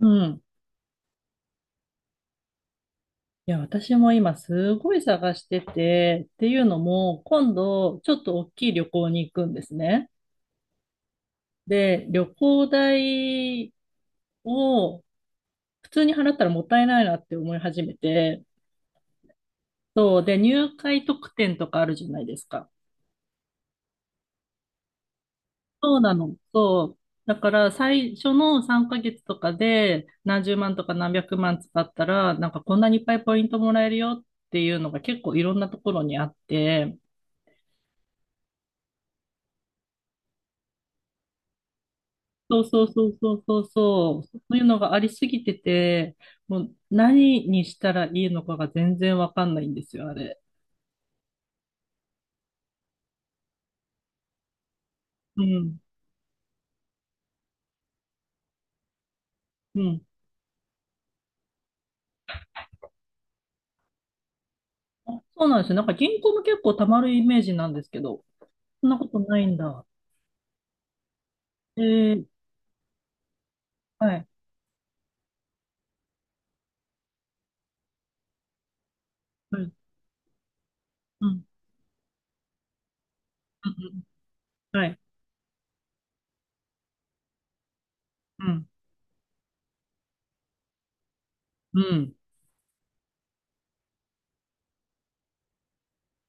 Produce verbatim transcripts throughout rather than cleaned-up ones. うん。いや、私も今すごい探してて、っていうのも、今度ちょっと大きい旅行に行くんですね。で、旅行代を普通に払ったらもったいないなって思い始めて、そう。で、入会特典とかあるじゃないですか。そうなの。そう。だから最初のさんかげつとかで何十万とか何百万使ったら、なんかこんなにいっぱいポイントもらえるよっていうのが結構いろんなところにあって、そうそうそうそうそうそう、そういうのがありすぎてて、もう何にしたらいいのかが全然わかんないんですよ、あれ。うん、うん。あ、そうなんですよ。なんか銀行も結構たまるイメージなんですけど、そんなことないんだ。えー、はい、はい、うん、うん、うん、はい、うん、うん。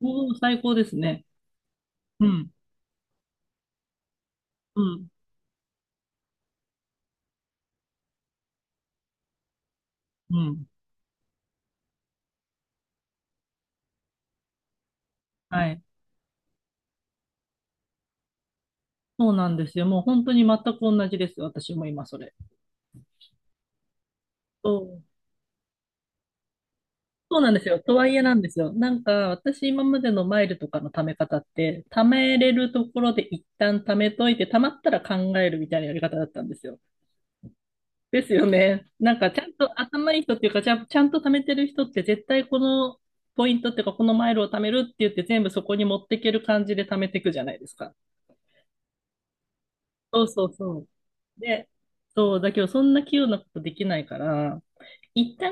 おお、最高ですね。うん、うん、うん。はい。そうなんですよ。もう本当に全く同じです。私も今それ。そう、そうなんですよ。とはいえなんですよ。なんか、私今までのマイルとかの貯め方って、貯めれるところで一旦貯めといて、貯まったら考えるみたいなやり方だったんですよ。ですよね。なんか、ちゃんと頭いい人っていうか、ちゃん、ちゃんと貯めてる人って絶対このポイントっていうか、このマイルを貯めるって言って全部そこに持っていける感じで貯めていくじゃないですか。そうそうそう。で、そう、だけどそんな器用なことできないから、一旦、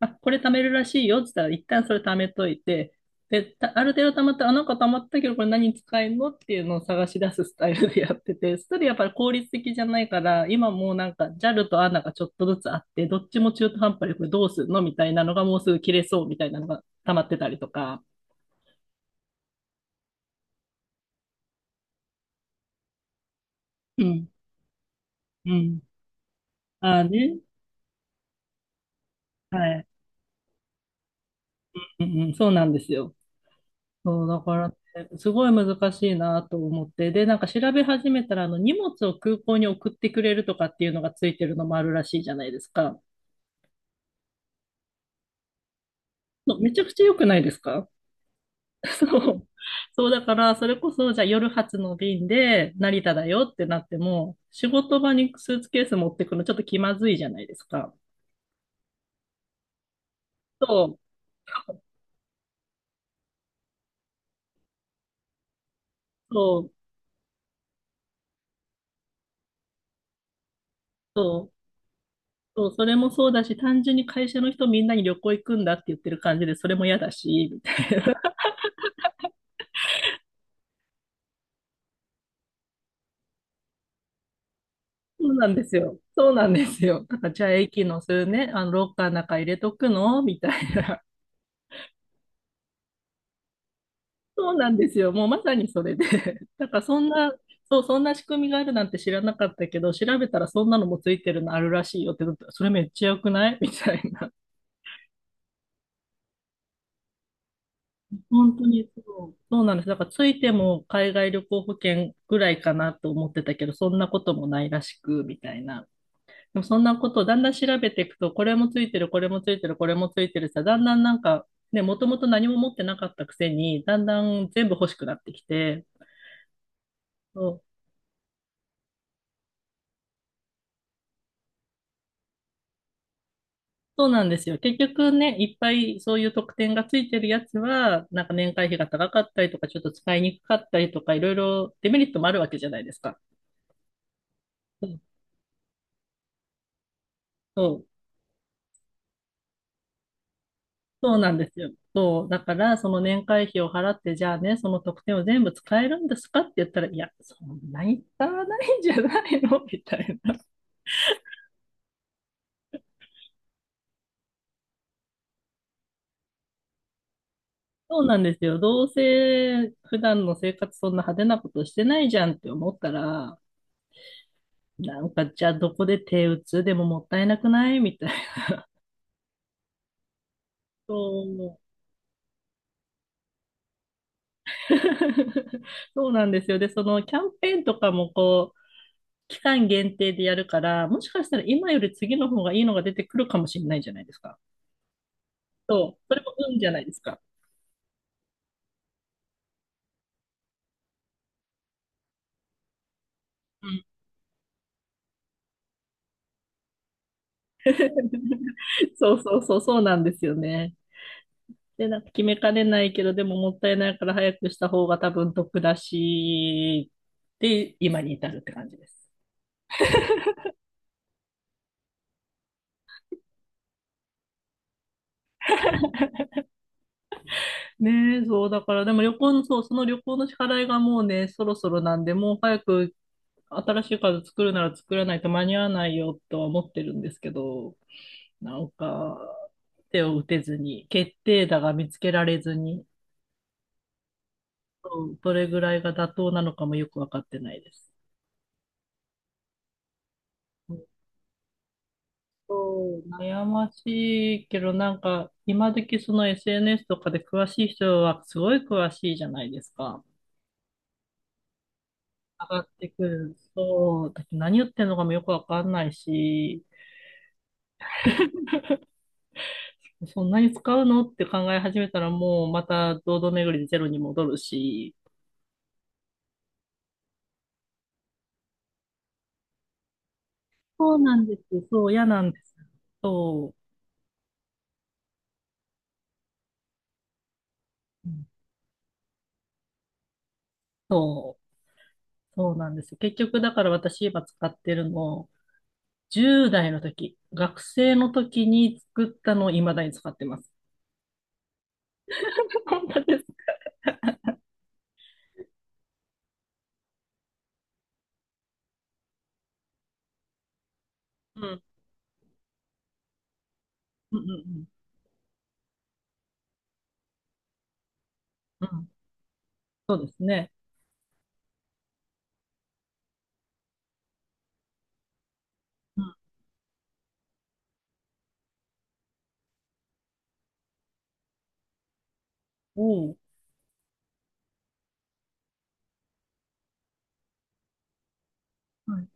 あ、これ貯めるらしいよって言ったら、一旦それ貯めといて、で、たある程度貯まったら、あ、なんか貯まったけど、これ何に使えるのっていうのを探し出すスタイルでやってて、それやっぱり効率的じゃないから、今もうなんか ジャル と エーエヌエー がちょっとずつあって、どっちも中途半端でこれどうするのみたいなのがもうすぐ切れそうみたいなのが溜まってたりとか。うん、うん。ああね。はい。うん、うん、そうなんですよ。そう、だからね、すごい難しいなと思って。で、なんか調べ始めたら、あの、荷物を空港に送ってくれるとかっていうのがついてるのもあるらしいじゃないですか。そう、めちゃくちゃ良くないですか？ そう。そう、だから、それこそ、じゃあ夜発の便で成田だよってなっても、仕事場にスーツケース持ってくのちょっと気まずいじゃないですか。そう、そう、そう、そう、それもそうだし、単純に会社の人みんなに旅行行くんだって言ってる感じで、それも嫌だし、そうなんですよ。そうなんですよ。なんか、じゃあ駅のするね、あの、ロッカーの中入れとくのみたいな。そうなんですよ。もうまさにそれで。なんかそんな、そう、そんな仕組みがあるなんて知らなかったけど、調べたらそんなのもついてるのあるらしいよってなったら、それめっちゃ良くないみたいな。本当にそう、そうなんです。だからついても海外旅行保険ぐらいかなと思ってたけど、そんなこともないらしく、みたいな。でもそんなことをだんだん調べていくと、これもついてる、これもついてる、これもついてるさ、だんだんなんか、ね、もともと何も持ってなかったくせに、だんだん全部欲しくなってきて、そう、そうなんですよ。結局ね、いっぱいそういう特典がついてるやつは、なんか年会費が高かったりとか、ちょっと使いにくかったりとか、いろいろデメリットもあるわけじゃないですか。うん、そう、そうなんですよ。そう。だから、その年会費を払って、じゃあね、その特典を全部使えるんですかって言ったら、いや、そんなに使わないんじゃないのみたいな。そうなんですよ。どうせ普段の生活そんな派手なことしてないじゃんって思ったら、なんかじゃあどこで手打つでももったいなくないみたいな。そう。 そうなんですよ。で、そのキャンペーンとかもこう、期間限定でやるから、もしかしたら今より次の方がいいのが出てくるかもしれないじゃないですか。そう。それも運じゃないですか。うん。そうそうそう、そうなんですよね。で、なんか決めかねないけど、でももったいないから早くした方が多分得だし、で、今に至るって感じです。ねえ、そう、だから、でも旅行の、そう、その旅行の支払いがもうね、そろそろなんで、もう早く新しいカード作るなら作らないと間に合わないよとは思ってるんですけど、なんか、手を打てずに、決定打が見つけられずに、そう、どれぐらいが妥当なのかもよくわかってないです。そう、悩ましいけど、なんか、今時その エスエヌエス とかで詳しい人はすごい詳しいじゃないですか。上がってくる。そう。だって何言ってんのかもよくわかんないし、そんなに使うのって考え始めたらもうまた堂々巡りでゼロに戻るし。そうなんです。そう、嫌なんです。そう。うん、そう。そうなんです。結局、だから私今使ってるの、じゅうだい代の時、学生の時に作ったのを未だに使ってます。本当です。うん。うん、うん、うん。うん。ですね。うん。おお。はい。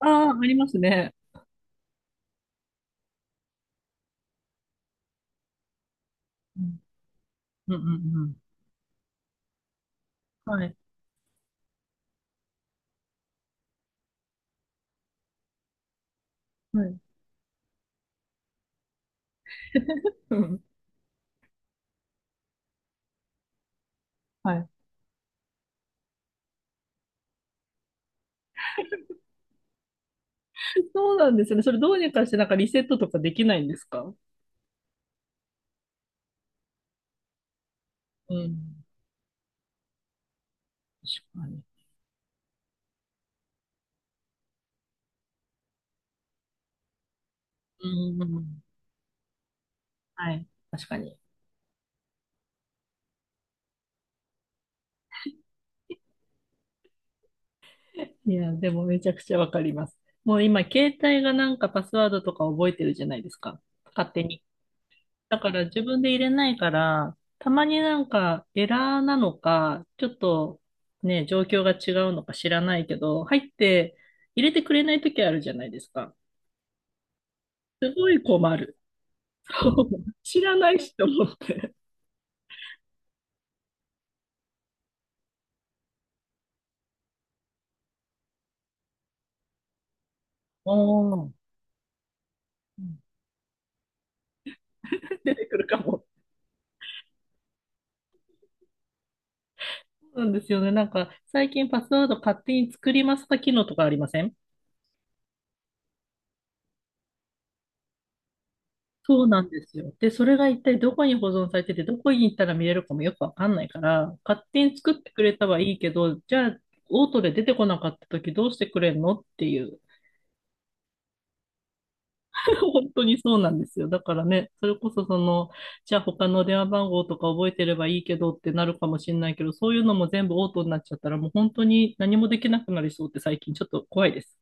ああ、ありますね。うん。うん、うん、うん。はい。はい。うん。はい。そうなんですね。それどうにかしてなんかリセットとかできないんですか？うん。確かに。うん、うん、うん。はい。確かに。いや、でもめちゃくちゃわかります。もう今、携帯がなんかパスワードとか覚えてるじゃないですか。勝手に。だから自分で入れないから、たまになんかエラーなのか、ちょっとね、状況が違うのか知らないけど、入って入れてくれない時あるじゃないですか。すごい困る。そう、知らないしと思って。おー、出てくるかも。そうなんですよね。なんか、最近パスワード勝手に作りますか機能とかありません？そうなんですよ。で、それが一体どこに保存されてて、どこに行ったら見れるかもよくわかんないから、勝手に作ってくれたはいいけど、じゃあ、オートで出てこなかった時どうしてくれんのっていう。本当にそうなんですよ。だからね、それこそその、じゃあ他の電話番号とか覚えてればいいけどってなるかもしれないけど、そういうのも全部オートになっちゃったら、もう本当に何もできなくなりそうって最近ちょっと怖いです。